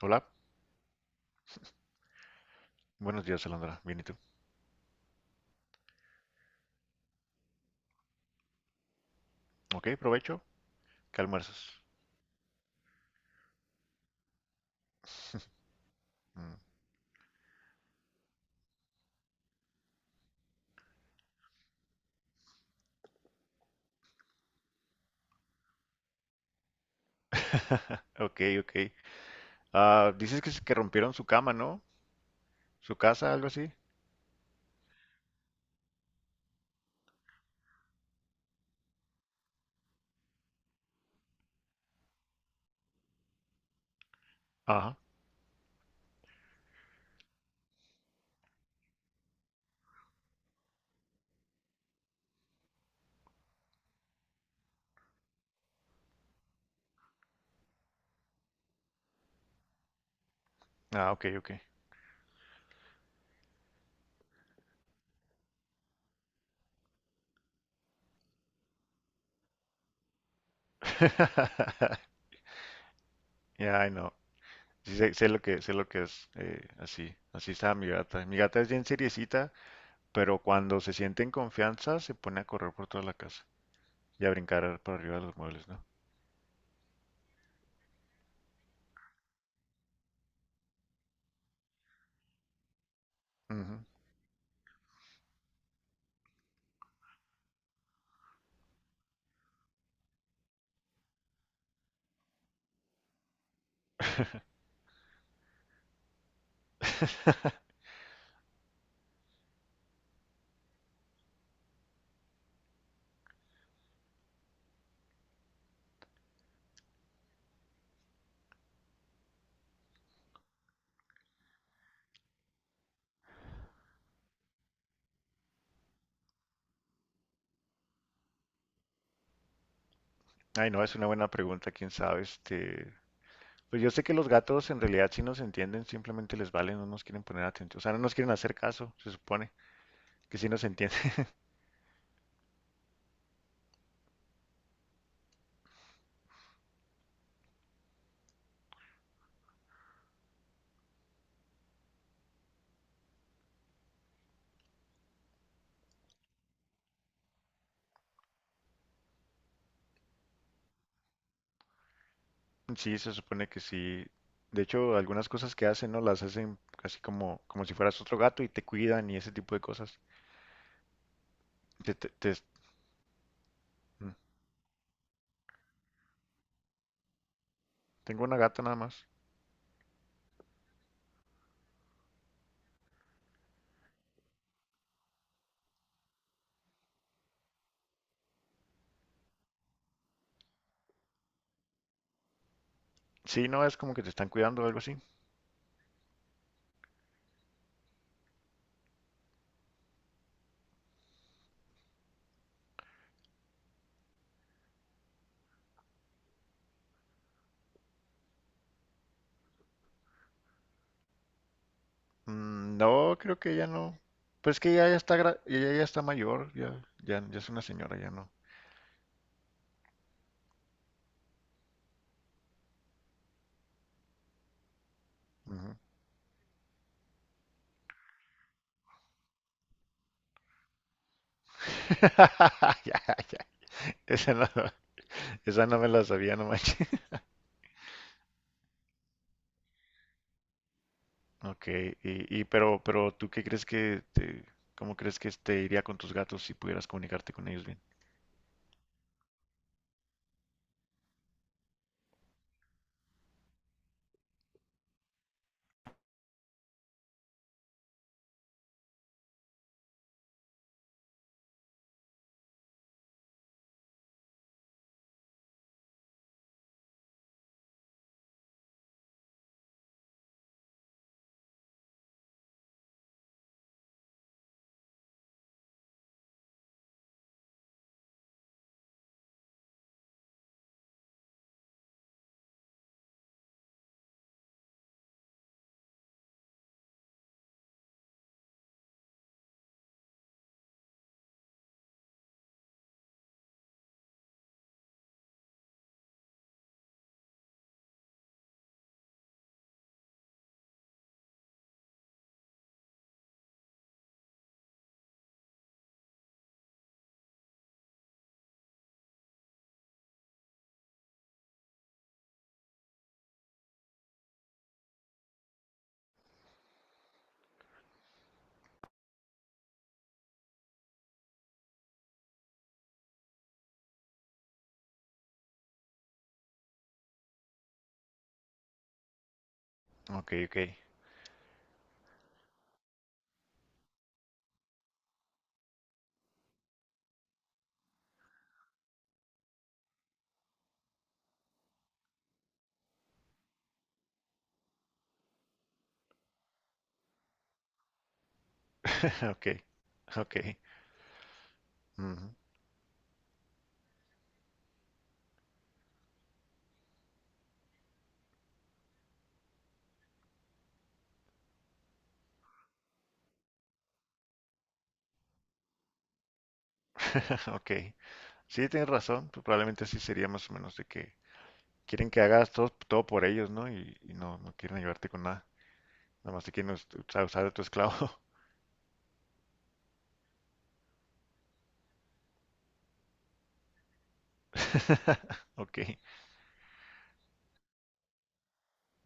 Hola, buenos días, Alondra. Bien, ¿y tú? Ok, provecho. ¿Qué almuerzas? Mm. Ok, ok. Ah, dices que rompieron su cama, ¿no? Su casa, algo así. Ajá. Ah, ok, ok. Ya, ay, no. Sí, sé lo que es. Así, así está mi gata. Mi gata es bien seriecita, pero cuando se siente en confianza se pone a correr por toda la casa y a brincar por arriba de los muebles, ¿no? Ujú. Ay, no, es una buena pregunta, quién sabe, pues yo sé que los gatos en realidad sí nos entienden, simplemente les vale, no nos quieren poner atención, o sea, no nos quieren hacer caso, se supone que sí nos entienden. Sí, se supone que sí. De hecho, algunas cosas que hacen, ¿no? Las hacen casi como, como si fueras otro gato y te cuidan y ese tipo de cosas. Te- te- te- mm, tengo una gata nada más. Sí, no, es como que te están cuidando o algo así. Mm, no, creo que ella no. Pues que ella ya está, ella ya está mayor, ya es una señora, ya no. Ujú. Ya, ya, esa no. No. Esa no me la sabía, no manches. Ok, pero ¿tú qué crees cómo crees que te iría con tus gatos si pudieras comunicarte con ellos bien? Ok, ok, ok, ok, ujú, ok. Sí, tienes razón, pues probablemente así sería más o menos de que quieren que hagas todo, todo por ellos, ¿no? Y no, no quieren ayudarte con nada, nada más te quieren usar, usar de tu esclavo. Ok,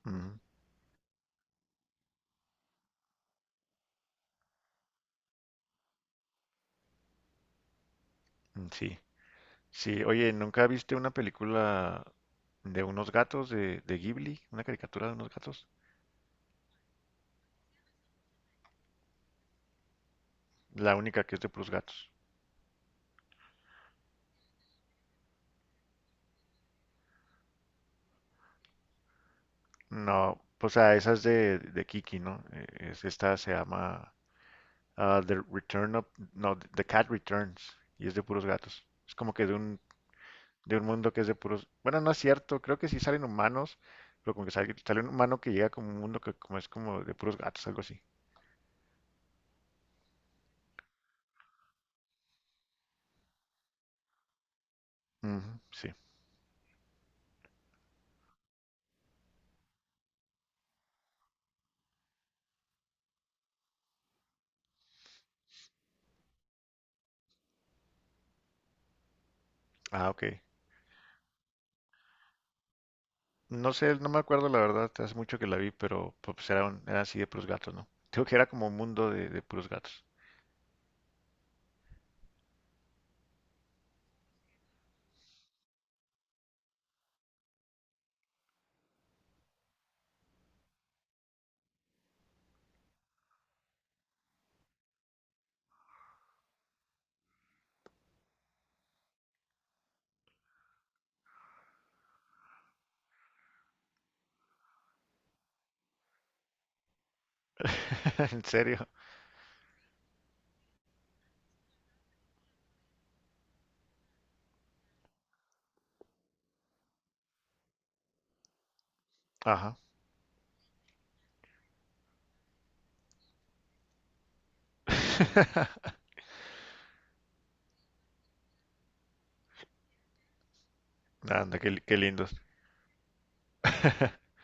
ujú, mm, sí. Sí, oye, ¿nunca viste una película de unos gatos de Ghibli, una caricatura de unos gatos? La única que es de puros gatos. No, o sea, esa es de Kiki, ¿no? Esta se llama ah, The Return of, no, The Cat Returns, y es de puros gatos. Es como que de un mundo que es de puros, bueno, no es cierto, creo que sí salen humanos, pero como que sale un humano que llega como un mundo que como es como de puros gatos, algo así. Ujú, sí. Ah, ok. No sé, no me acuerdo la verdad, hace mucho que la vi, pero pues, era, era así de puros gatos, ¿no? Digo que era como un mundo de puros gatos. ¿En serio? Ajá. Anda, qué, qué lindos.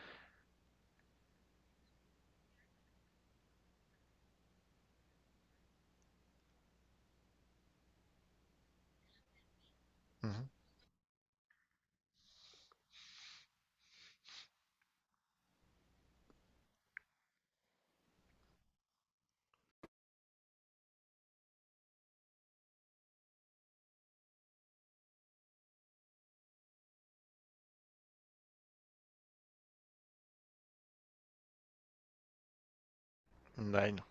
Ujú. Ay, no.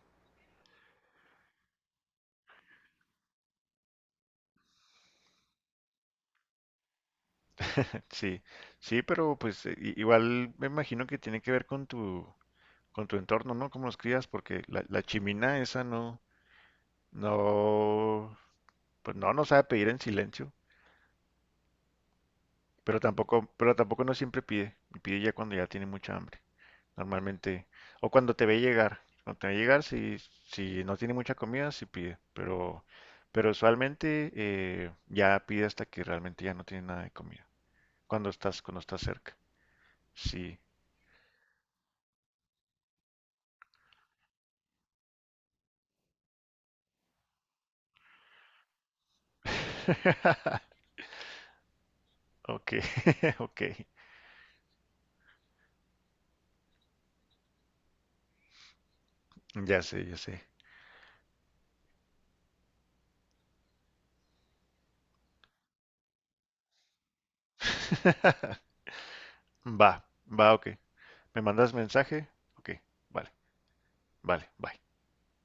Sí, sí, pero pues igual me imagino que tiene que ver con tu entorno, ¿no? Cómo los crías, porque la chimina esa no, no, pues no, no sabe pedir en silencio. Pero tampoco no siempre pide. Pide ya cuando ya tiene mucha hambre. Normalmente. O cuando te ve llegar. Cuando te ve llegar, si, si no tiene mucha comida, sí pide. Pero usualmente ya pide hasta que realmente ya no tiene nada de comida. Cuando estás cerca. Sí. Ok, ok. Ya sé, ya sé. Va, va, ok. ¿Me mandas mensaje? Ok, vale, vale, bye.